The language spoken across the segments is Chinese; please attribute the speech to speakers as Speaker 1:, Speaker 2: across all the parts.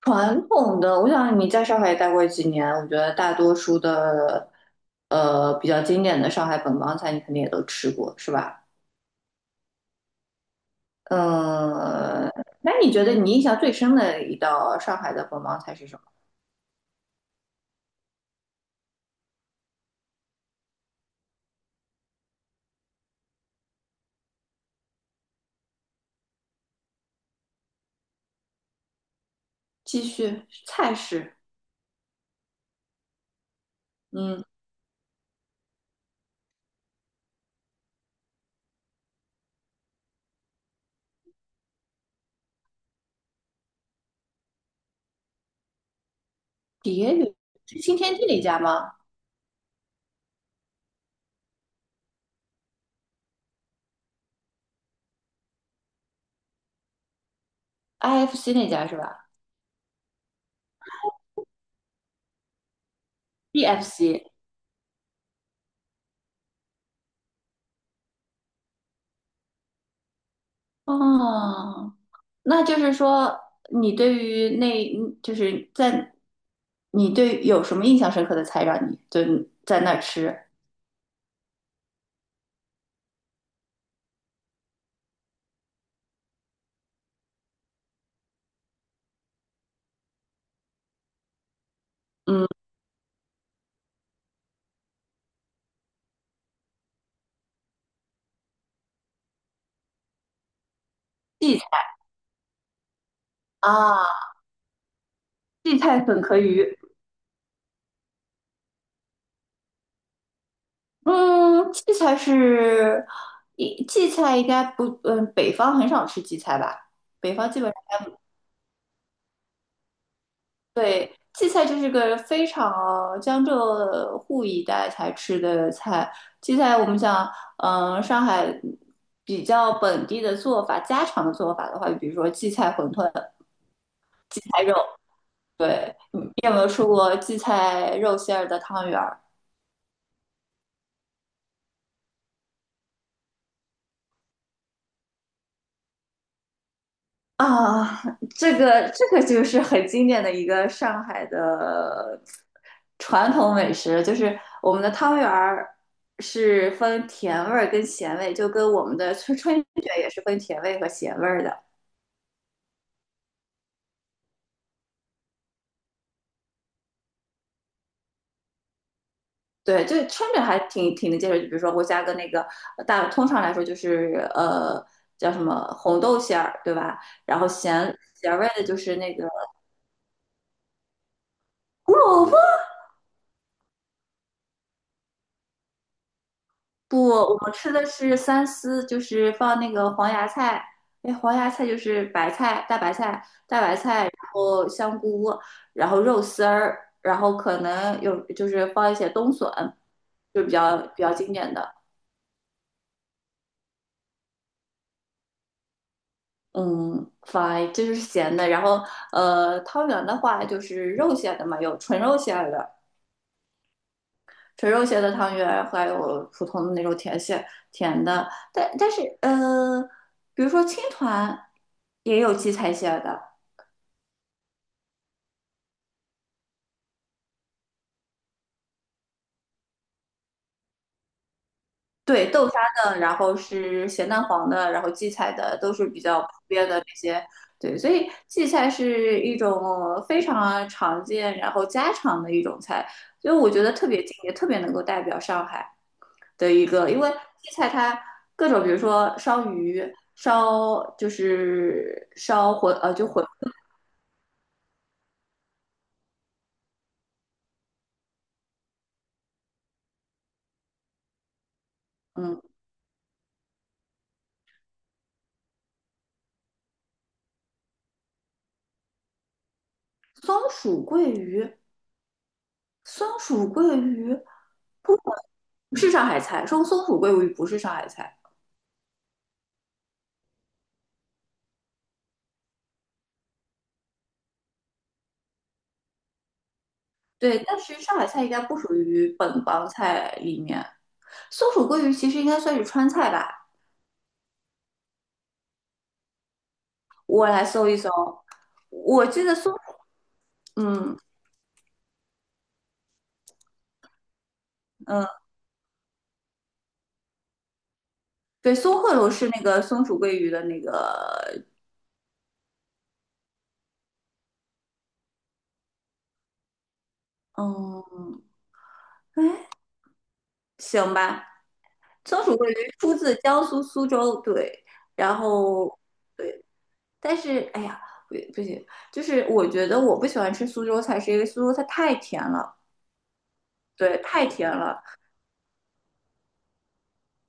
Speaker 1: 传统的，我想你在上海也待过几年，我觉得大多数的，比较经典的上海本帮菜，你肯定也都吃过，是吧？嗯，那你觉得你印象最深的一道上海的本帮菜是什么？继续，菜式，嗯，蝶鱼是新天地那家吗？IFC 那家是吧？ BFC。 哦，那就是说，你对于那，就是在，你对有什么印象深刻的菜让你就在那儿吃。荠菜啊，荠菜粉壳鱼，嗯，荠菜是，一荠菜应该不，北方很少吃荠菜吧？北方基本。对，荠菜这是个非常江浙沪一带才吃的菜。荠菜我们讲，上海比较本地的做法、家常的做法的话，比如说荠菜馄饨。对，你有没有吃过荠菜肉馅儿的汤圆儿？啊，这个就是很经典的一个上海的传统美食，就是我们的汤圆儿是分甜味儿跟咸味，就跟我们的春卷也是分甜味和咸味儿的。对，就春卷还挺能接受，就比如说我加个那个大，通常来说就是叫什么红豆馅儿，对吧？然后咸味儿的就是那个胡萝卜，不，我们吃的是三丝，就是放那个黄芽菜，哎，黄芽菜就是白菜、大白菜，然后香菇，然后肉丝儿，然后可能有就是放一些冬笋，就比较经典的。嗯，fine，这就是咸的。然后汤圆的话就是肉馅的嘛，有纯肉馅儿的，纯肉馅的汤圆，还有普通的那种甜馅甜的，但是比如说青团也有荠菜馅的，对，豆沙的，然后是咸蛋黄的，然后荠菜的都是比较普遍的这些，对，所以荠菜是一种非常常见，然后家常的一种菜，所以我觉得特别近，也特别能够代表上海的一个，因为荠菜它各种，比如说烧鱼。烧就是烧馄就馄嗯，松鼠桂鱼，松鼠桂鱼不不是上海菜，说松鼠桂鱼不是上海菜。对，但是上海菜应该不属于本帮菜里面。松鼠桂鱼其实应该算是川菜吧？我来搜一搜，我记得松，嗯嗯，对，松鹤楼是那个松鼠桂鱼的那个，嗯。哎，行吧，松鼠桂鱼出自江苏苏州，对，然后。对。但是哎呀，不行，就是我觉得我不喜欢吃苏州菜，是因为苏州菜太甜了，对，太甜了。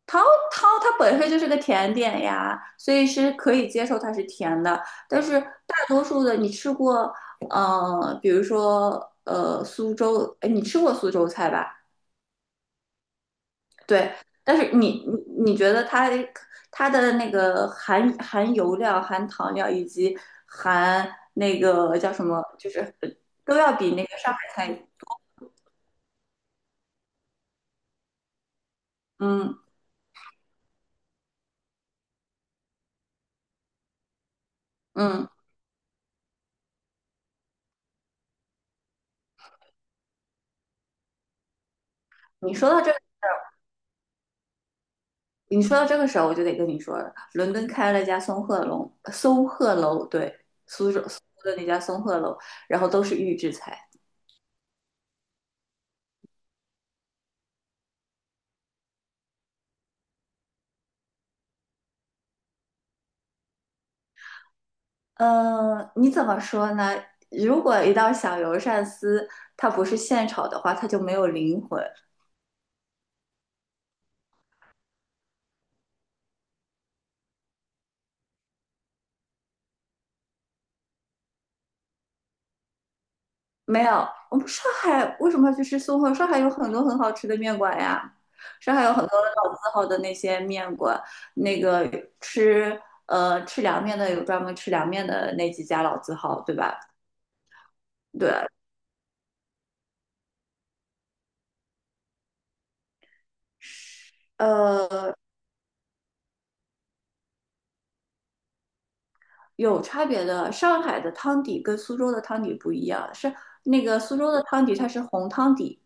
Speaker 1: 桃桃它本身就是个甜点呀，所以是可以接受它是甜的。但是大多数的你吃过，比如说苏州，哎，你吃过苏州菜吧？对，但是你觉得它的那个含油量、含糖量以及含那个叫什么，就是都要比那个上海菜嗯嗯。你说到这个你说到这个时候，我就得跟你说了，伦敦开了一家松鹤楼，松鹤楼，对，苏州的那家松鹤楼，然后都是预制菜。你怎么说呢？如果一道小油鳝丝它不是现炒的话，它就没有灵魂。没有，我们上海为什么要去吃松鹤？上海有很多很好吃的面馆呀，上海有很多老字号的那些面馆，那个吃吃凉面的有专门吃凉面的那几家老字号，对吧？对，呃，有差别的。上海的汤底跟苏州的汤底不一样，是那个苏州的汤底它是红汤底，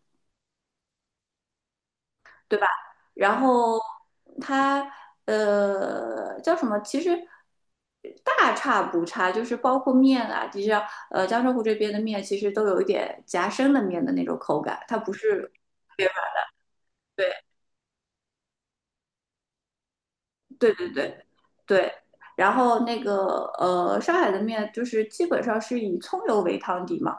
Speaker 1: 对吧？然后它叫什么？其实大差不差，就是包括面啊，其实江浙沪这边的面其实都有一点夹生的面的那种口感，它不是对对对对对。然后那个上海的面就是基本上是以葱油为汤底嘛，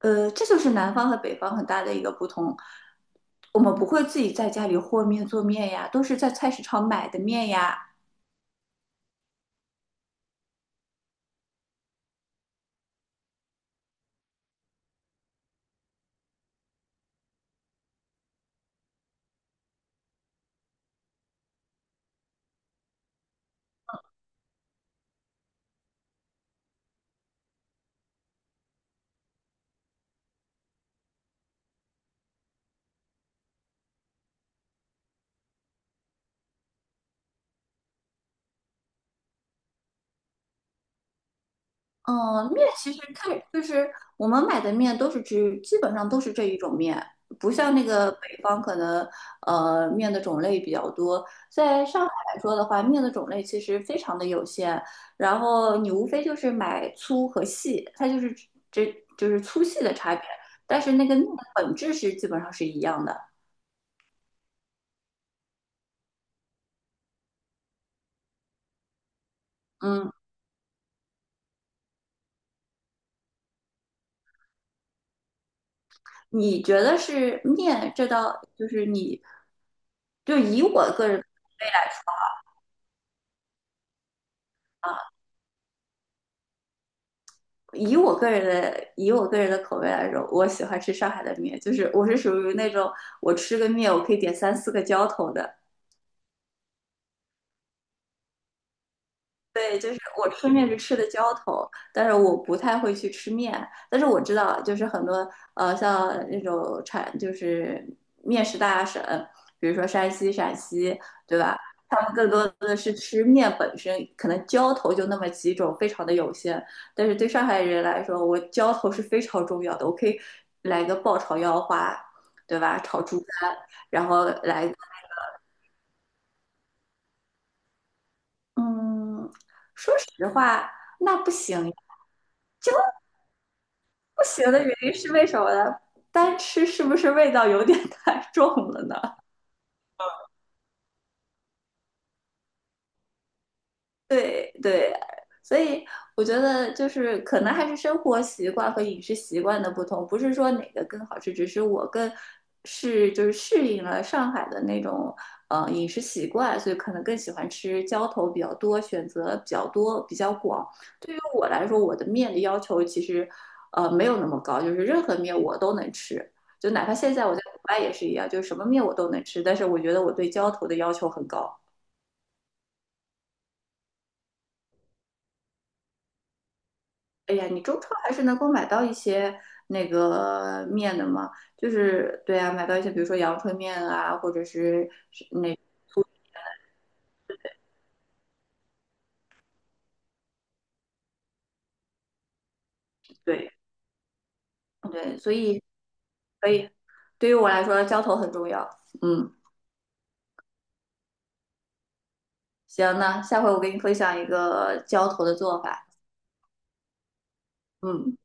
Speaker 1: 这就是南方和北方很大的一个不同。我们不会自己在家里和面做面呀，都是在菜市场买的面呀。嗯，面其实看就是我们买的面都是只基本上都是这一种面，不像那个北方可能面的种类比较多。在上海来说的话，面的种类其实非常的有限，然后你无非就是买粗和细，它就是这就是粗细的差别，但是那个面的本质是基本上是一样的。嗯，你觉得是面这道就是你就以我个人。以我个人的口味来说，我喜欢吃上海的面，就是我是属于那种我吃个面我可以点三四个浇头的，对，就是我吃面是吃的浇头，但是我不太会去吃面。但是我知道，就是很多像那种产就是面食大省，比如说山西、陕西，对吧？他们更多的是吃面本身，可能浇头就那么几种，非常的有限。但是对上海人来说，我浇头是非常重要的，我可以来个爆炒腰花，对吧？炒猪肝，然后来个嗯，说实话，那不行呀。不行的原因是为什么呢？单吃是不是味道有点太重了呢？对对，所以我觉得就是可能还是生活习惯和饮食习惯的不同，不是说哪个更好吃，只是我更是就是适应了上海的那种饮食习惯，所以可能更喜欢吃浇头比较多，选择比较多，比较广。对于我来说，我的面的要求其实没有那么高，就是任何面我都能吃，就哪怕现在我在国外也是一样，就是什么面我都能吃，但是我觉得我对浇头的要求很高。哎呀，你中超还是能够买到一些那个面的嘛，就是对啊，买到一些比如说阳春面啊，或者是对对，所以可以，对于我来说，浇头很重要。嗯，行，那下回我给你分享一个浇头的做法。嗯。